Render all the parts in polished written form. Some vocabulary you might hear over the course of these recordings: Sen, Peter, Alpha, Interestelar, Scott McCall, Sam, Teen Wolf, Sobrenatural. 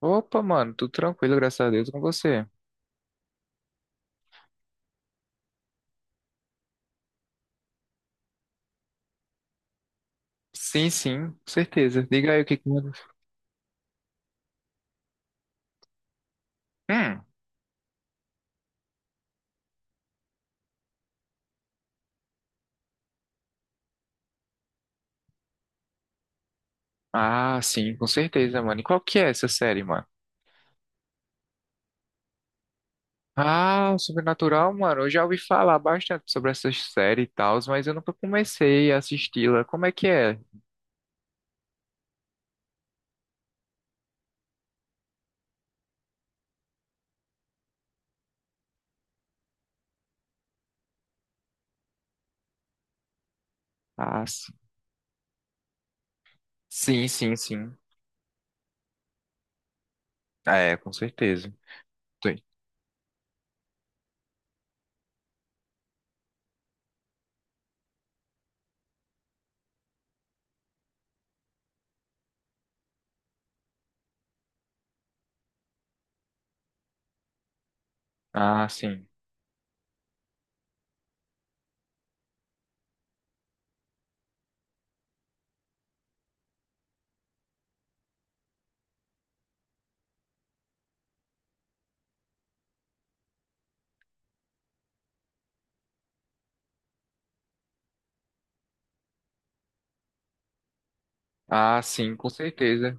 Opa, mano, tudo tranquilo, graças a Deus, com você. Sim, sim, com certeza. Diga aí o que que manda. Hum, ah, sim, com certeza, mano. E qual que é essa série, mano? Ah, Sobrenatural, mano, eu já ouvi falar bastante sobre essa série e tal, mas eu nunca comecei a assisti-la. Como é que é? Ah, s- sim, sim, sim. É, com certeza. Sim. Ah, sim. Ah, sim, com certeza.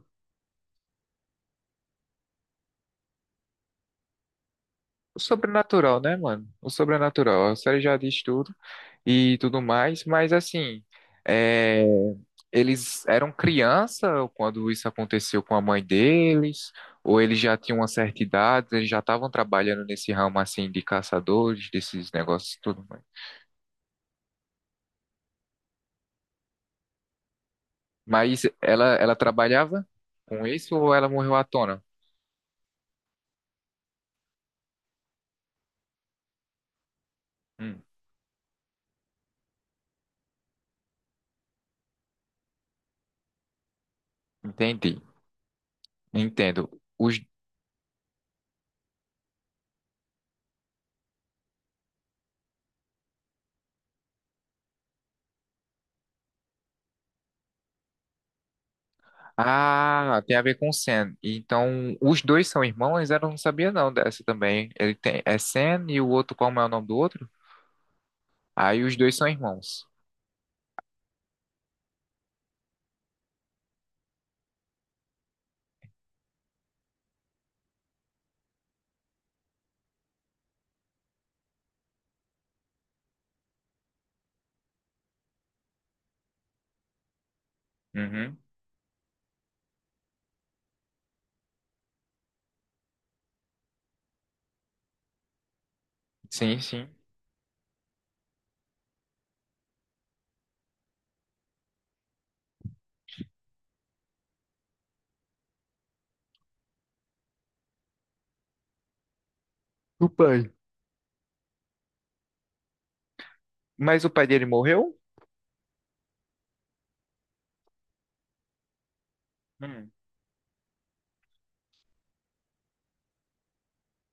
O sobrenatural, né, mano? O sobrenatural. A série já diz tudo e tudo mais, mas assim, é, eles eram criança quando isso aconteceu com a mãe deles, ou eles já tinham uma certa idade, eles já estavam trabalhando nesse ramo assim de caçadores, desses negócios e tudo mais. Mas ela trabalhava com isso ou ela morreu à tona? Hum, entendi, entendo. Os. Ah, tem a ver com Sen. Então, os dois são irmãos? Eu não sabia não dessa também. Ele tem, é Sen e o outro, como é o nome do outro? Aí os dois são irmãos. Uhum. Sim, sim. O pai. Mas o pai dele morreu? Hum.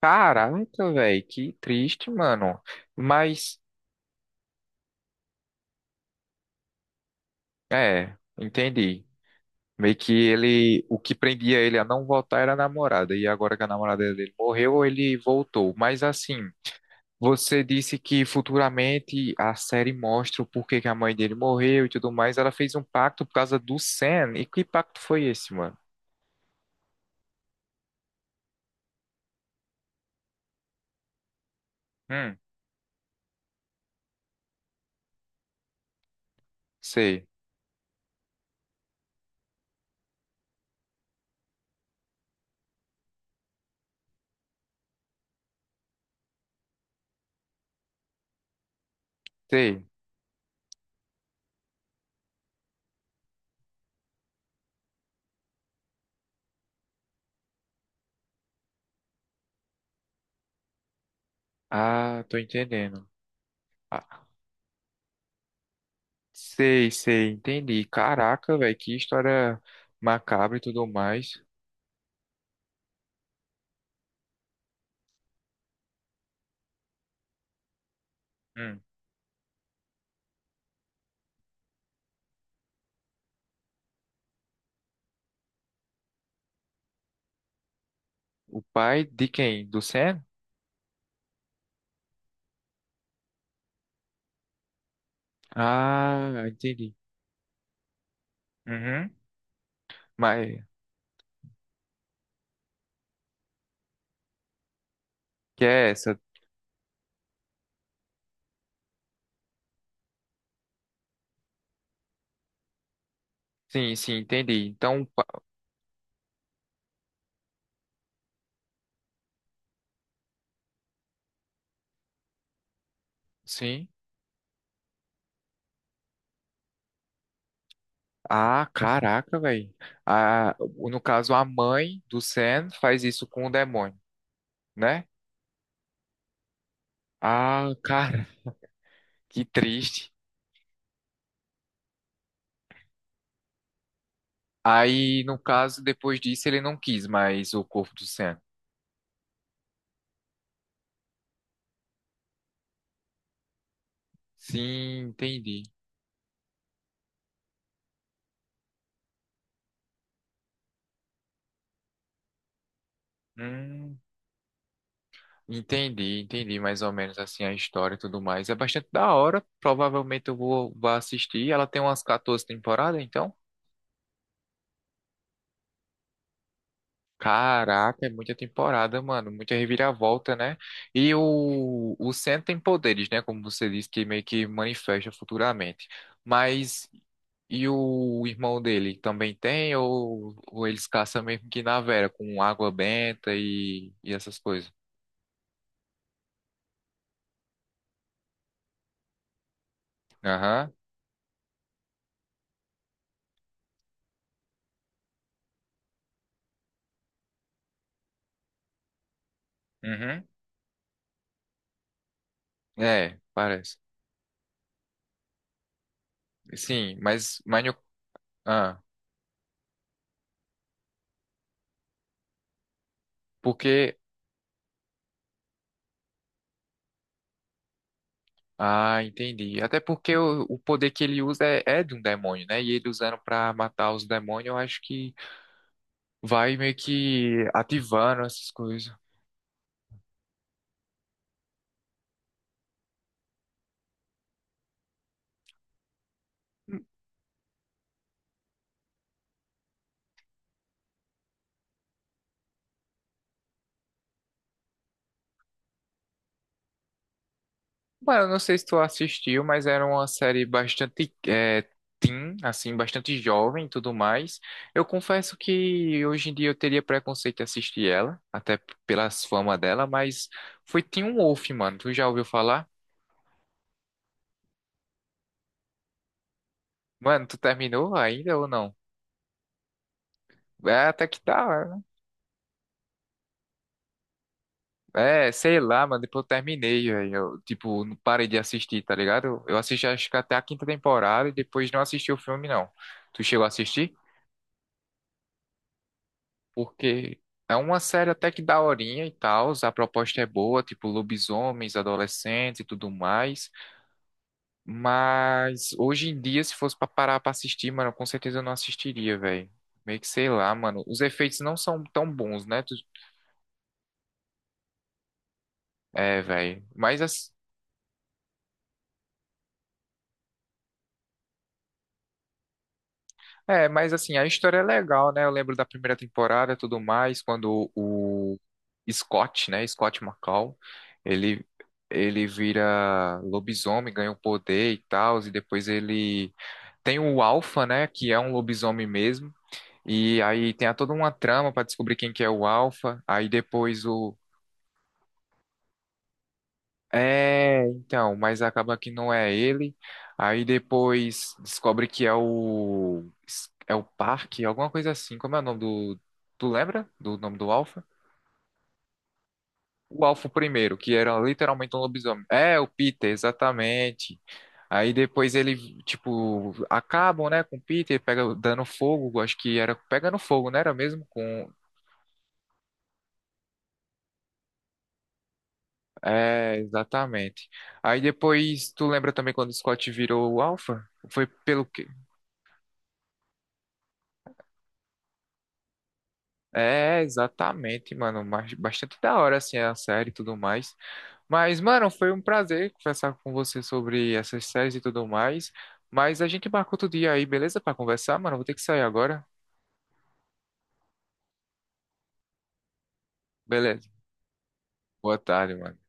Caraca, velho, que triste, mano. Mas, é, entendi. Meio que ele, o que prendia ele a não voltar era a namorada, e agora que a namorada dele morreu, ele voltou. Mas assim. Você disse que futuramente a série mostra o porquê que a mãe dele morreu e tudo mais. Ela fez um pacto por causa do Sam. E que pacto foi esse, mano? Hum, sei, sei. Ah, tô entendendo. Ah, sei, sei, entendi. Caraca, velho, que história macabra e tudo mais. Hum. O pai de quem? Do Sam? Ah, entendi. Uhum. Mas que é essa? Sim, sim, entendi. Sim. Ah, caraca, velho. Ah, no caso, a mãe do Sam faz isso com o demônio, né? Ah, cara, que triste. Aí, no caso, depois disso, ele não quis mais o corpo do Sam. Sim, entendi. Hum, entendi, entendi mais ou menos assim a história e tudo mais. É bastante da hora. Provavelmente eu vou, vou assistir. Ela tem umas 14 temporadas, então? Caraca, é muita temporada, mano. Muita reviravolta, né? E o Sen tem poderes, né? Como você disse, que meio que manifesta futuramente. Mas e o irmão dele também tem? Ou eles caçam mesmo que na Vera, com água benta e essas coisas? Aham. Uhum. É, parece. Sim, mas, mas no- ah, Porque. Ah, entendi. Até porque o poder que ele usa é, é de um demônio, né? E ele usando pra matar os demônios, eu acho que vai meio que ativando essas coisas. Mano, eu não sei se tu assistiu, mas era uma série bastante é, teen, assim, bastante jovem e tudo mais. Eu confesso que hoje em dia eu teria preconceito de assistir ela, pelas fama dela, mas foi Teen Wolf, mano. Tu já ouviu falar? Mano, tu terminou ainda ou não? É, até que tá. É, sei lá, mano, depois eu terminei, velho. Eu, tipo, não parei de assistir, tá ligado? Eu assisti acho que até a quinta temporada e depois não assisti o filme, não. Tu chegou a assistir? Porque é uma série até que daorinha e tal, a proposta é boa, tipo, lobisomens, adolescentes e tudo mais. Mas hoje em dia, se fosse pra parar pra assistir, mano, com certeza eu não assistiria, velho. Meio que sei lá, mano. Os efeitos não são tão bons, né? Tu- é, velho. Mas é, mas assim, a história é legal, né? Eu lembro da primeira temporada e tudo mais, quando o Scott, né? Scott McCall, ele, ele vira lobisomem, ganha o poder e tal, e depois ele tem o Alpha, né? Que é um lobisomem mesmo. E aí tem a- toda uma trama pra descobrir quem que é o Alpha. Aí depois o. É, então, mas acaba que não é ele. Aí depois descobre que é o Parque, alguma coisa assim. Como é o nome do. Tu lembra do nome do Alpha? O Alpha primeiro, que era literalmente um lobisomem. É, o Peter, exatamente. Aí depois ele, tipo, acabam, né, com o Peter, pega dando fogo, acho que era pegando fogo, né, era mesmo com. É, exatamente. Aí depois, tu lembra também quando o Scott virou o Alpha? Foi pelo. É, exatamente, mano. Mas bastante da hora, assim, a série e tudo mais. Mas, mano, foi um prazer conversar com você sobre essas séries e tudo mais. Mas a gente marca outro dia aí, beleza? Pra conversar, mano. Vou ter que sair agora. Beleza. Boa tarde, mano.